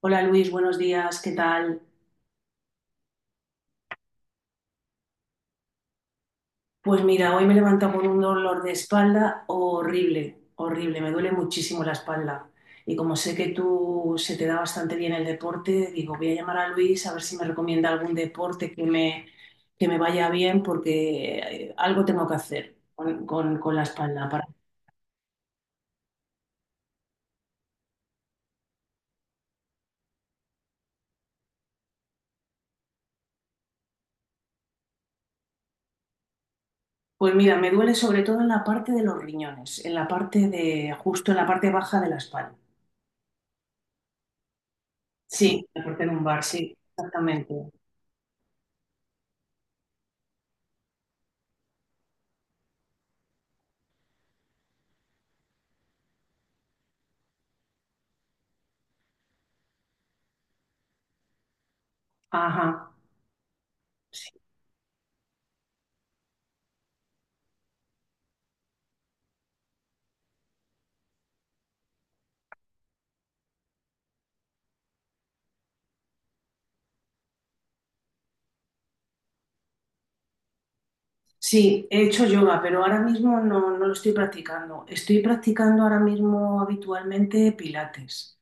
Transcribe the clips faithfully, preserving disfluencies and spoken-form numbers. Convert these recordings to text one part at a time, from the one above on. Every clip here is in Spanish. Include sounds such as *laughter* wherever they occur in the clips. Hola Luis, buenos días, ¿qué tal? Pues mira, hoy me he levantado con un dolor de espalda horrible, horrible, me duele muchísimo la espalda. Y como sé que tú se te da bastante bien el deporte, digo, voy a llamar a Luis a ver si me recomienda algún deporte que me, que me vaya bien porque eh, algo tengo que hacer con, con- con la espalda. para- Pues mira, me duele sobre todo en la parte de los riñones, en la parte de, justo en la parte baja de la espalda. Sí, la parte lumbar, sí, exactamente. Ajá. Sí. Sí, he hecho yoga, pero ahora mismo no, no lo estoy practicando. Estoy practicando ahora mismo habitualmente pilates.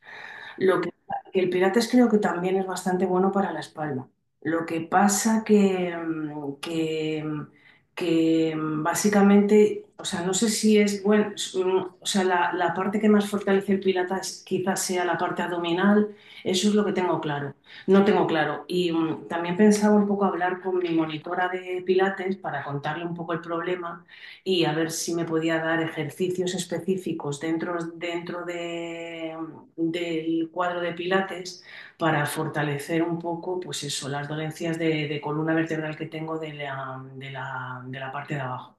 Lo que, que el Pilates creo que también es bastante bueno para la espalda. Lo que pasa que, mm, que, mm, que, mm, básicamente, o sea, no sé si es bueno, o sea, la, la parte que más fortalece el Pilates quizás sea la parte abdominal, eso es lo que tengo claro. No tengo claro. Y mm, también pensaba un poco hablar con mi monitora de Pilates para contarle un poco el problema y a ver si me podía dar ejercicios específicos dentro, dentro de, del cuadro de Pilates para fortalecer un poco, pues eso, las dolencias de, de columna vertebral que tengo de la, de la, de la parte de abajo.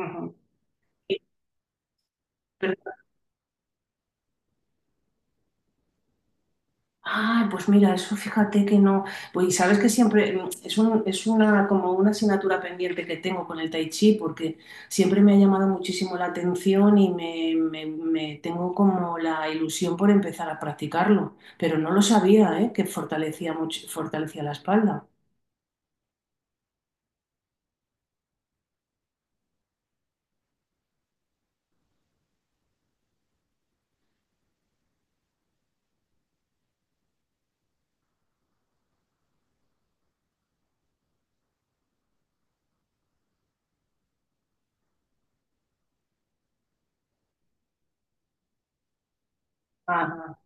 Ujú. Pero ay, pues mira, eso fíjate que no. Pues y sabes que siempre mm, es un- es una como una asignatura pendiente que tengo con el Tai Chi, porque siempre me ha llamado muchísimo la atención y me, me- me tengo como la ilusión por empezar a practicarlo. Pero no lo sabía, ¿eh? Que fortalecía mucho, fortalecía la espalda. Ah,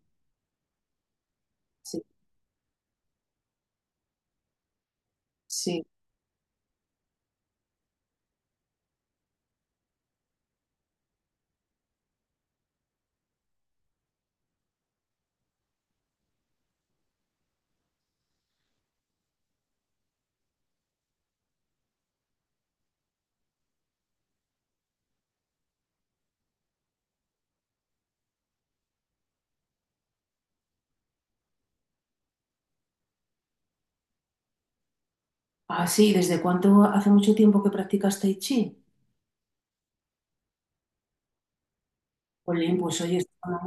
sí, sí. Ah, sí, ¿desde cuánto hace mucho tiempo que practicas Tai Chi? Jolín, pues oye, está-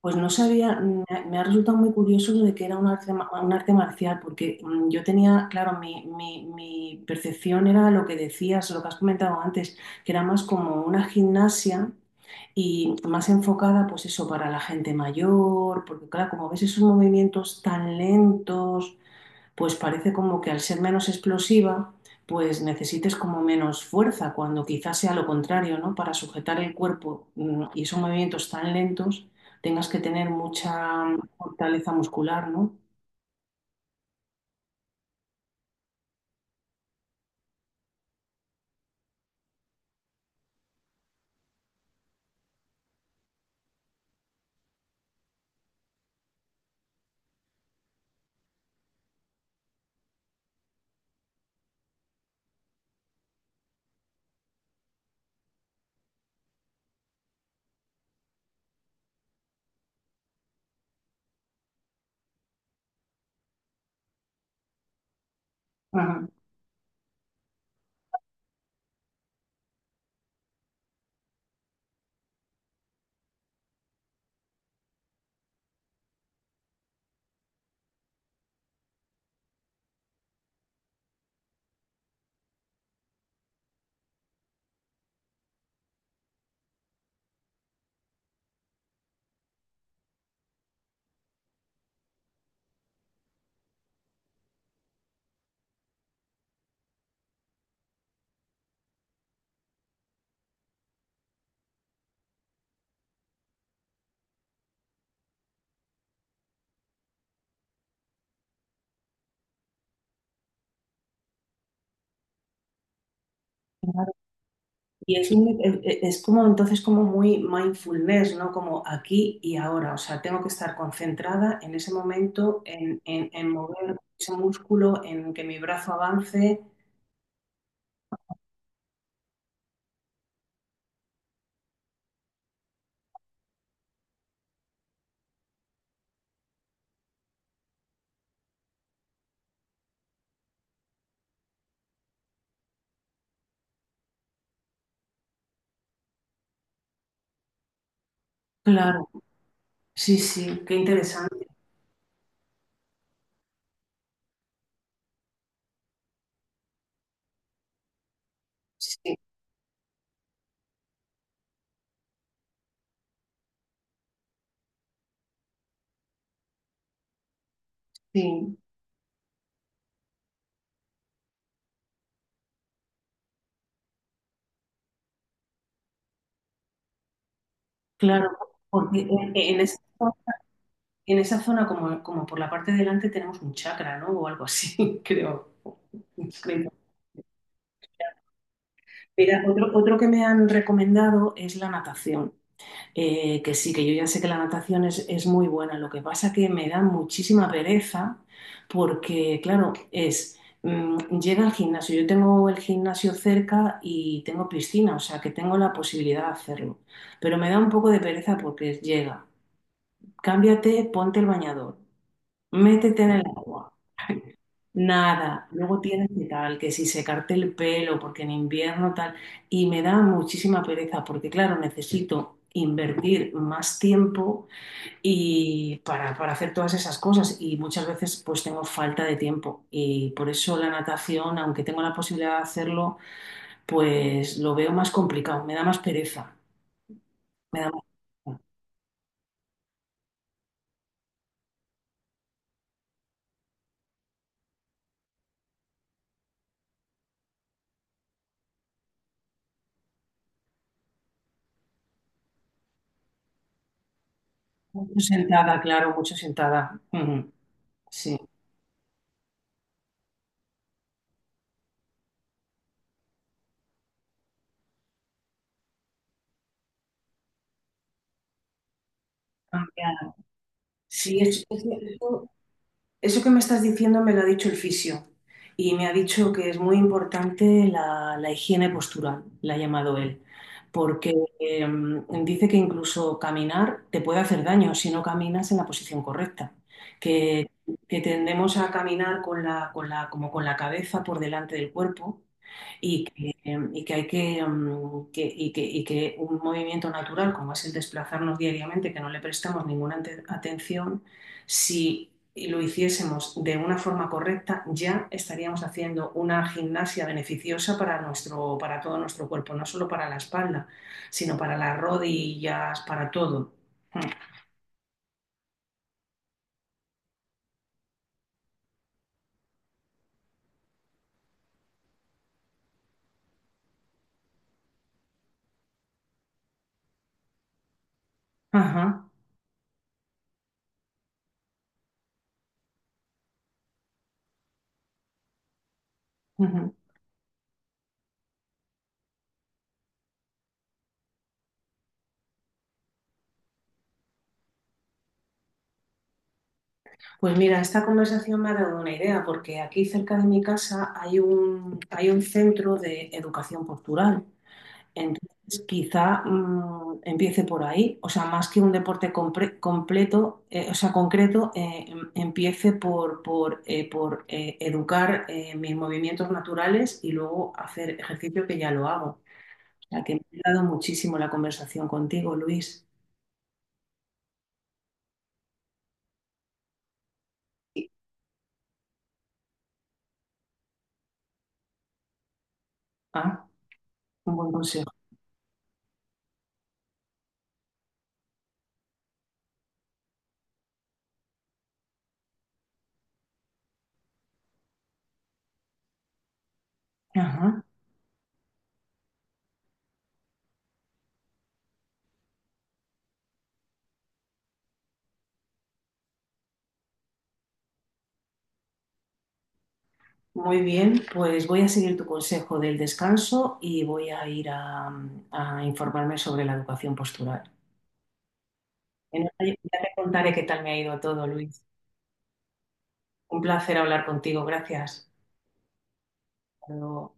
pues no sabía, me ha, me ha resultado muy curioso lo de que era un arte, ma- un arte marcial, porque mm, yo tenía, claro, mi, mi- mi percepción era lo que decías, lo que has comentado antes, que era más como una gimnasia y más enfocada, pues eso, para la gente mayor, porque claro, como ves esos movimientos tan lentos, pues parece como que al ser menos explosiva, pues necesites como menos fuerza, cuando quizás sea lo contrario, ¿no? Para sujetar el cuerpo mm, y son movimientos tan lentos, tengas que tener mucha fortaleza muscular, ¿no? Ajá. Claro. Y es, muy- e- e- es como entonces como muy mindfulness, ¿no? Como aquí y ahora. O sea, tengo que estar concentrada en ese momento, en, en- en mover ese músculo, en que mi brazo avance. Claro, sí, sí, qué interesante. Sí, sí. Claro, porque en, en esa, en esa zona, como, como por la parte de delante, tenemos un chakra, ¿no? O algo así, *laughs* creo. Creo. Mira, otro, otro que me han recomendado es la natación. Eh, que sí, que yo ya sé que la natación es, es muy buena. Lo que pasa que me da muchísima pereza porque, claro, es, mm, llega al gimnasio. Yo tengo el gimnasio cerca y tengo piscina, o sea que tengo la posibilidad de hacerlo. Pero me da un poco de pereza porque llega. Cámbiate, ponte el bañador, métete en el agua, nada, luego tienes que tal, que si secarte el pelo, porque en invierno tal, y me da muchísima pereza, porque claro, necesito invertir más tiempo y para, para hacer todas esas cosas y muchas veces pues tengo falta de tiempo y por eso la natación, aunque tengo la posibilidad de hacerlo, pues lo veo más complicado, me da más pereza, me da más pereza. Mucho sentada, claro, mucho sentada. Ujú, sí. Sí, eso, eso- eso que me estás diciendo me lo ha dicho el fisio y me ha dicho que es muy importante la, la higiene postural, la ha llamado él, porque em, dice que incluso caminar te puede hacer daño si no caminas en la posición correcta, que, que tendemos a caminar con la, con la, como con la cabeza por delante del cuerpo y que, eh, y que hay que, mm, que- y que, y que un movimiento natural como es el desplazarnos diariamente, que no le prestamos ninguna ante- atención, si lo hiciésemos de una forma correcta, ya estaríamos haciendo una gimnasia beneficiosa para nuestro, para todo nuestro cuerpo, no solo para la espalda, sino para las rodillas, para todo. Ajá. Ujú. Pues mira, esta conversación me ha dado una idea, porque aquí cerca de mi casa hay un, hay un centro de educación postural. Entonces, quizá mm, empiece por ahí, o sea, más que un deporte compre- completo, eh, o sea, concreto, eh, em- empiece por, por, eh, por eh, educar eh, mis movimientos naturales y luego hacer ejercicio que ya lo hago. O sea, que me ha dado muchísimo la conversación contigo, Luis. Ah, un buen consejo. Ajá. Muy bien, pues voy a seguir tu consejo del descanso y voy a ir a, a informarme sobre la educación postural. En otra- ya te contaré qué tal me ha ido todo, Luis. Un placer hablar contigo, gracias. Hasta luego.